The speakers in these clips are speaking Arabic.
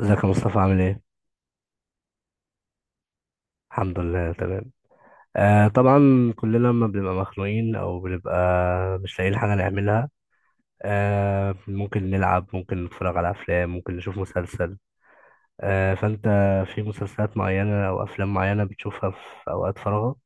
ازيك يا مصطفى عامل ايه؟ الحمد لله تمام. آه طبعا. كلنا لما بنبقى مخنوقين او بنبقى مش لاقيين حاجة نعملها. ممكن نلعب، ممكن نتفرج على افلام، ممكن نشوف مسلسل. فانت في مسلسلات معينة او افلام معينة بتشوفها في اوقات فراغك؟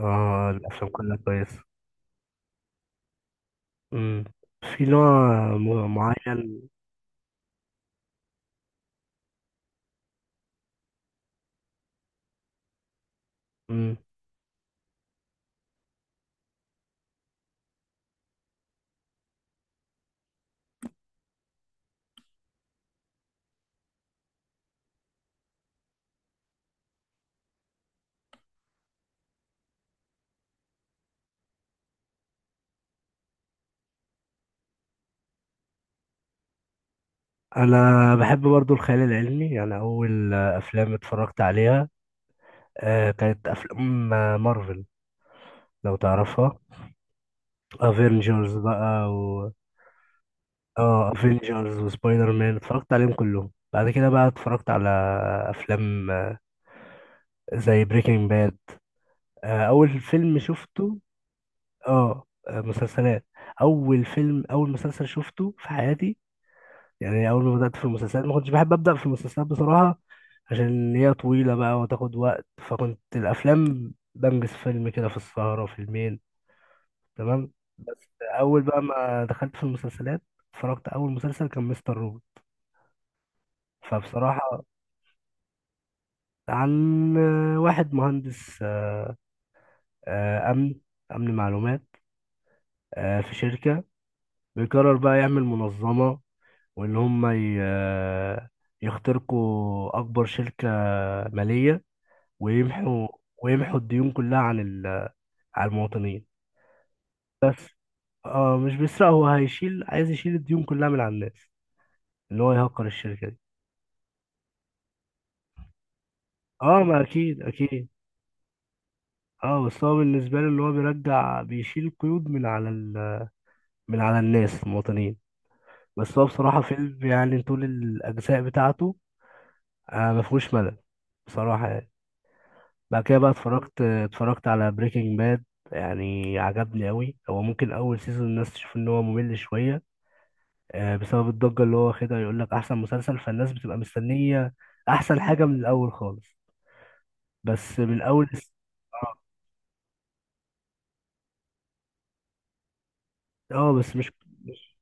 اه الافلام كلها كويسة. مم. في نوع معين. مم. انا بحب برضو الخيال العلمي. يعني اول افلام اتفرجت عليها كانت افلام مارفل، لو تعرفها، افنجرز بقى و اه افنجرز وسبايدر مان، اتفرجت عليهم كلهم. بعد كده بقى اتفرجت على افلام زي بريكنج باد، اول فيلم شفته. مسلسلات، اول فيلم، اول مسلسل شفته في حياتي. يعني اول ما بدات في المسلسلات ما كنتش بحب ابدا في المسلسلات بصراحه، عشان هي طويله بقى وتاخد وقت، فكنت الافلام بنجز فيلم كده في السهره فيلمين، تمام. بس اول بقى ما دخلت في المسلسلات اتفرجت، اول مسلسل كان مستر روبوت، فبصراحة عن واحد مهندس أمن، أمن معلومات في شركة، بيقرر بقى يعمل منظمة وإن هم يخترقوا أكبر شركة مالية ويمحوا ويمحوا الديون كلها عن على المواطنين. اه مش بيسرق، هو هيشيل، عايز يشيل الديون كلها من على الناس، إن هو يهكر الشركة دي. اه ما أكيد أكيد. اه بس هو بالنسبة له إن هو بيرجع بيشيل القيود من على ال... من على الناس المواطنين. بس هو بصراحة فيلم، يعني طول الأجزاء بتاعته ما فيهوش ملل بصراحة. يعني بعد كده بقى اتفرجت على بريكنج باد. يعني عجبني أوي. هو ممكن أول سيزون الناس تشوف إن هو ممل شوية بسبب الضجة اللي هو واخدها، يقول لك أحسن مسلسل، فالناس بتبقى مستنية أحسن حاجة من الأول خالص. بس من أول اه بس مش-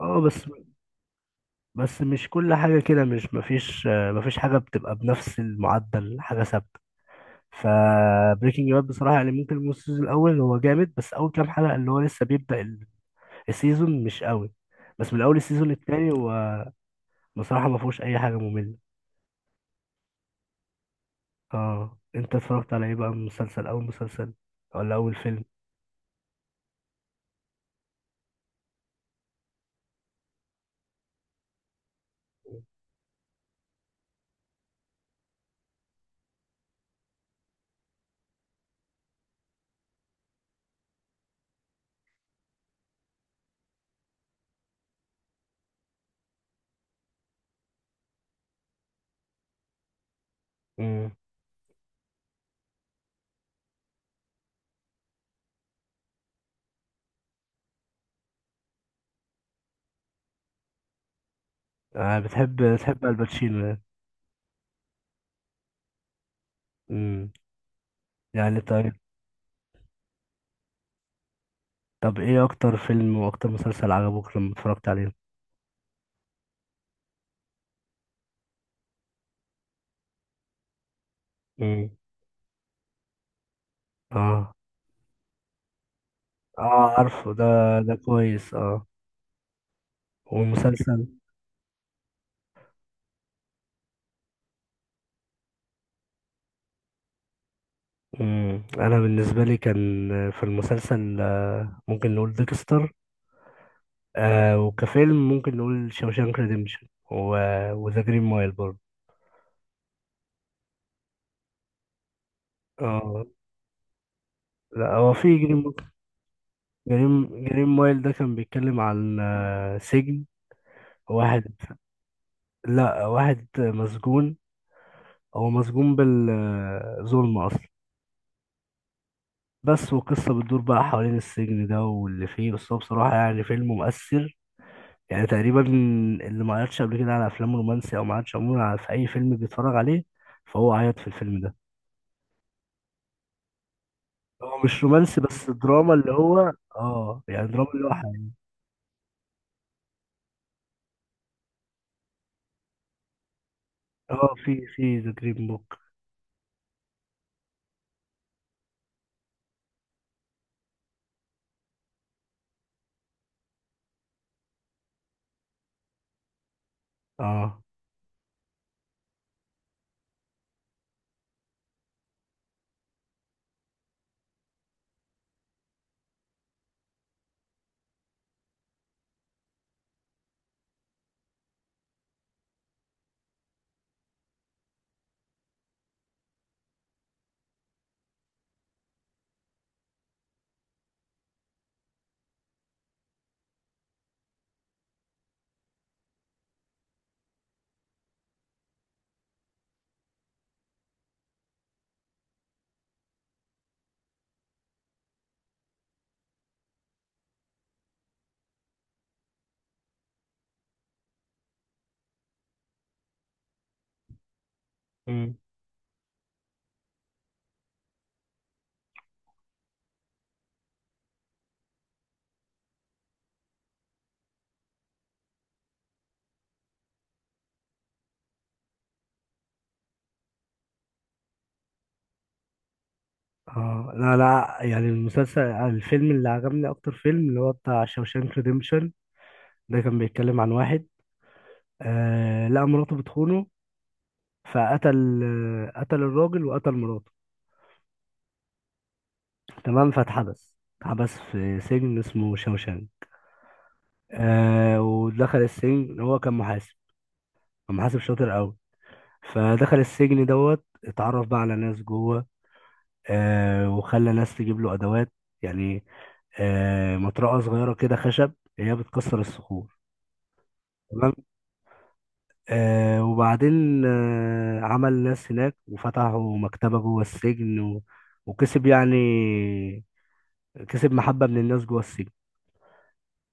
اه بس بس مش كل حاجة كده، مش مفيش، مفيش حاجة بتبقى بنفس المعدل، حاجة ثابتة. فبريكنج باد بصراحة يعني ممكن الموسم، السيزون الأول، هو جامد، بس أول كام حلقة اللي هو لسه بيبدأ السيزون مش قوي. بس من أول السيزون التاني هو بصراحة ما فيهوش أي حاجة مملة. اه أنت اتفرجت على إيه بقى من مسلسل، أول مسلسل ولا أول فيلم؟ امم آه بتحب، بتحب الباتشينو يعني. امم يعني طيب، طب إيه أكتر فيلم وأكتر مسلسل عجبك لما اتفرجت عليه؟ امم اه، اه عارفه ده، ده كويس. اه والمسلسل. مم. انا بالنسبه لي كان في المسلسل ممكن نقول ديكستر، آه وكفيلم ممكن نقول شوشانك ريديمشن وذا جرين مايل برضه. اه لا، هو في جرين مايل ده كان بيتكلم عن سجن واحد، لا واحد مسجون، هو مسجون بالظلم اصلا. بس وقصة بتدور بقى حوالين السجن ده واللي فيه. بس هو بصراحة يعني فيلم مؤثر، يعني تقريبا اللي ما عيطش قبل كده على افلام رومانسي او ما عيطش عموما على، في اي فيلم بيتفرج عليه، فهو عيط في الفيلم ده. هو مش رومانسي بس دراما، اللي هو اه يعني دراما اللي هو حقيقي. اه، في في ذا جرين بوك. اه. مم. اه لا لا، يعني المسلسل، الفيلم اللي عجبني اكتر فيلم، اللي هو بتاع شوشانك ريديمشن، ده كان بيتكلم عن واحد آه لقى مراته بتخونه، فقتل قتل الراجل وقتل مراته، تمام. فاتحبس، اتحبس في سجن اسمه شوشانك. آه ودخل السجن، هو كان محاسب، كان محاسب شاطر قوي، فدخل السجن دوت اتعرف بقى على ناس جوه. آه وخلى ناس تجيب له ادوات، يعني مطرقه صغيره كده خشب، هي بتكسر الصخور، تمام. آه وبعدين آه عمل ناس هناك وفتحوا مكتبه جوه السجن و... وكسب يعني، كسب محبه من الناس جوه السجن.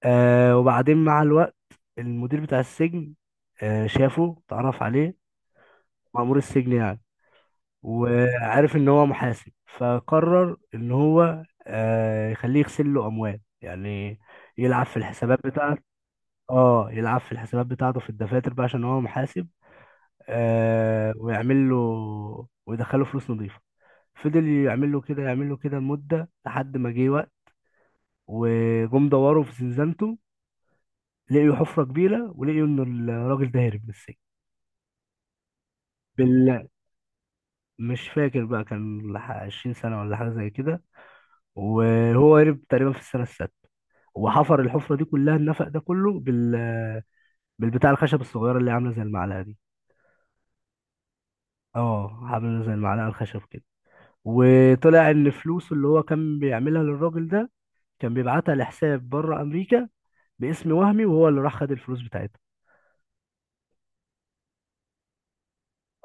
آه وبعدين مع الوقت المدير بتاع السجن آه شافه، اتعرف عليه، مأمور السجن يعني، وعارف ان هو محاسب. فقرر ان هو يخليه يغسل له اموال يعني، يلعب في الحسابات بتاعته. اه يلعب في الحسابات بتاعته في الدفاتر بقى عشان هو محاسب، آه ويعمل له، ويدخله فلوس نظيفة. فضل يعمل له كده، يعمل له كده لمدة، لحد ما جه وقت وجم دوروا في زنزانته، لقيوا حفرة كبيرة ولقيوا ان الراجل ده هرب من السجن. بال... مش فاكر بقى كان 20 سنة ولا حاجة زي كده. وهو هرب تقريبا في السنه السادسه، وحفر الحفره دي كلها، النفق ده كله بال، بالبتاع الخشب الصغيره اللي عامله زي المعلقه دي. اه عامله زي المعلقه الخشب كده. وطلع ان فلوسه اللي هو كان بيعملها للراجل ده كان بيبعتها لحساب بره امريكا باسم وهمي، وهو اللي راح خد الفلوس بتاعتها.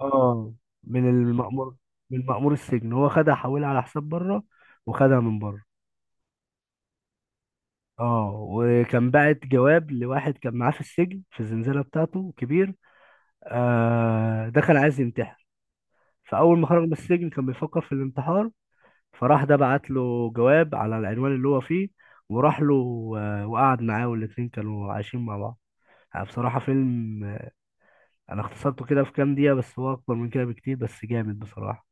اه من المأمور، من مأمور السجن، هو خدها حولها على حساب بره وخدها من بره. اه وكان باعت جواب لواحد كان معاه في السجن في الزنزانة بتاعته كبير، آه دخل عايز ينتحر. فأول ما خرج من السجن كان بيفكر في الانتحار، فراح ده بعت له جواب على العنوان اللي هو فيه، وراح له وقعد معاه والاتنين كانوا عايشين مع بعض. يعني بصراحة فيلم أنا اختصرته كده في كام دقيقة بس هو أكبر من كده بكتير، بس جامد بصراحة.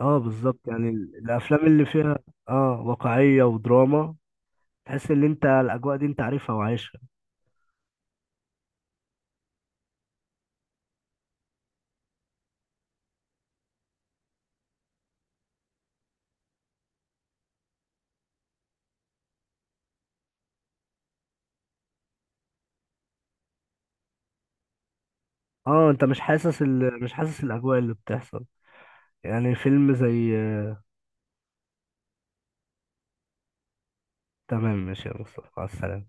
اه بالظبط، يعني الأفلام اللي فيها اه واقعية ودراما، تحس إن أنت الأجواء دي أنت عارفها وعايشها. اه أنت مش حاسس ال... مش حاسس الأجواء اللي بتحصل. يعني فيلم زي آه، تمام ماشي يا مصطفى، مع السلامة.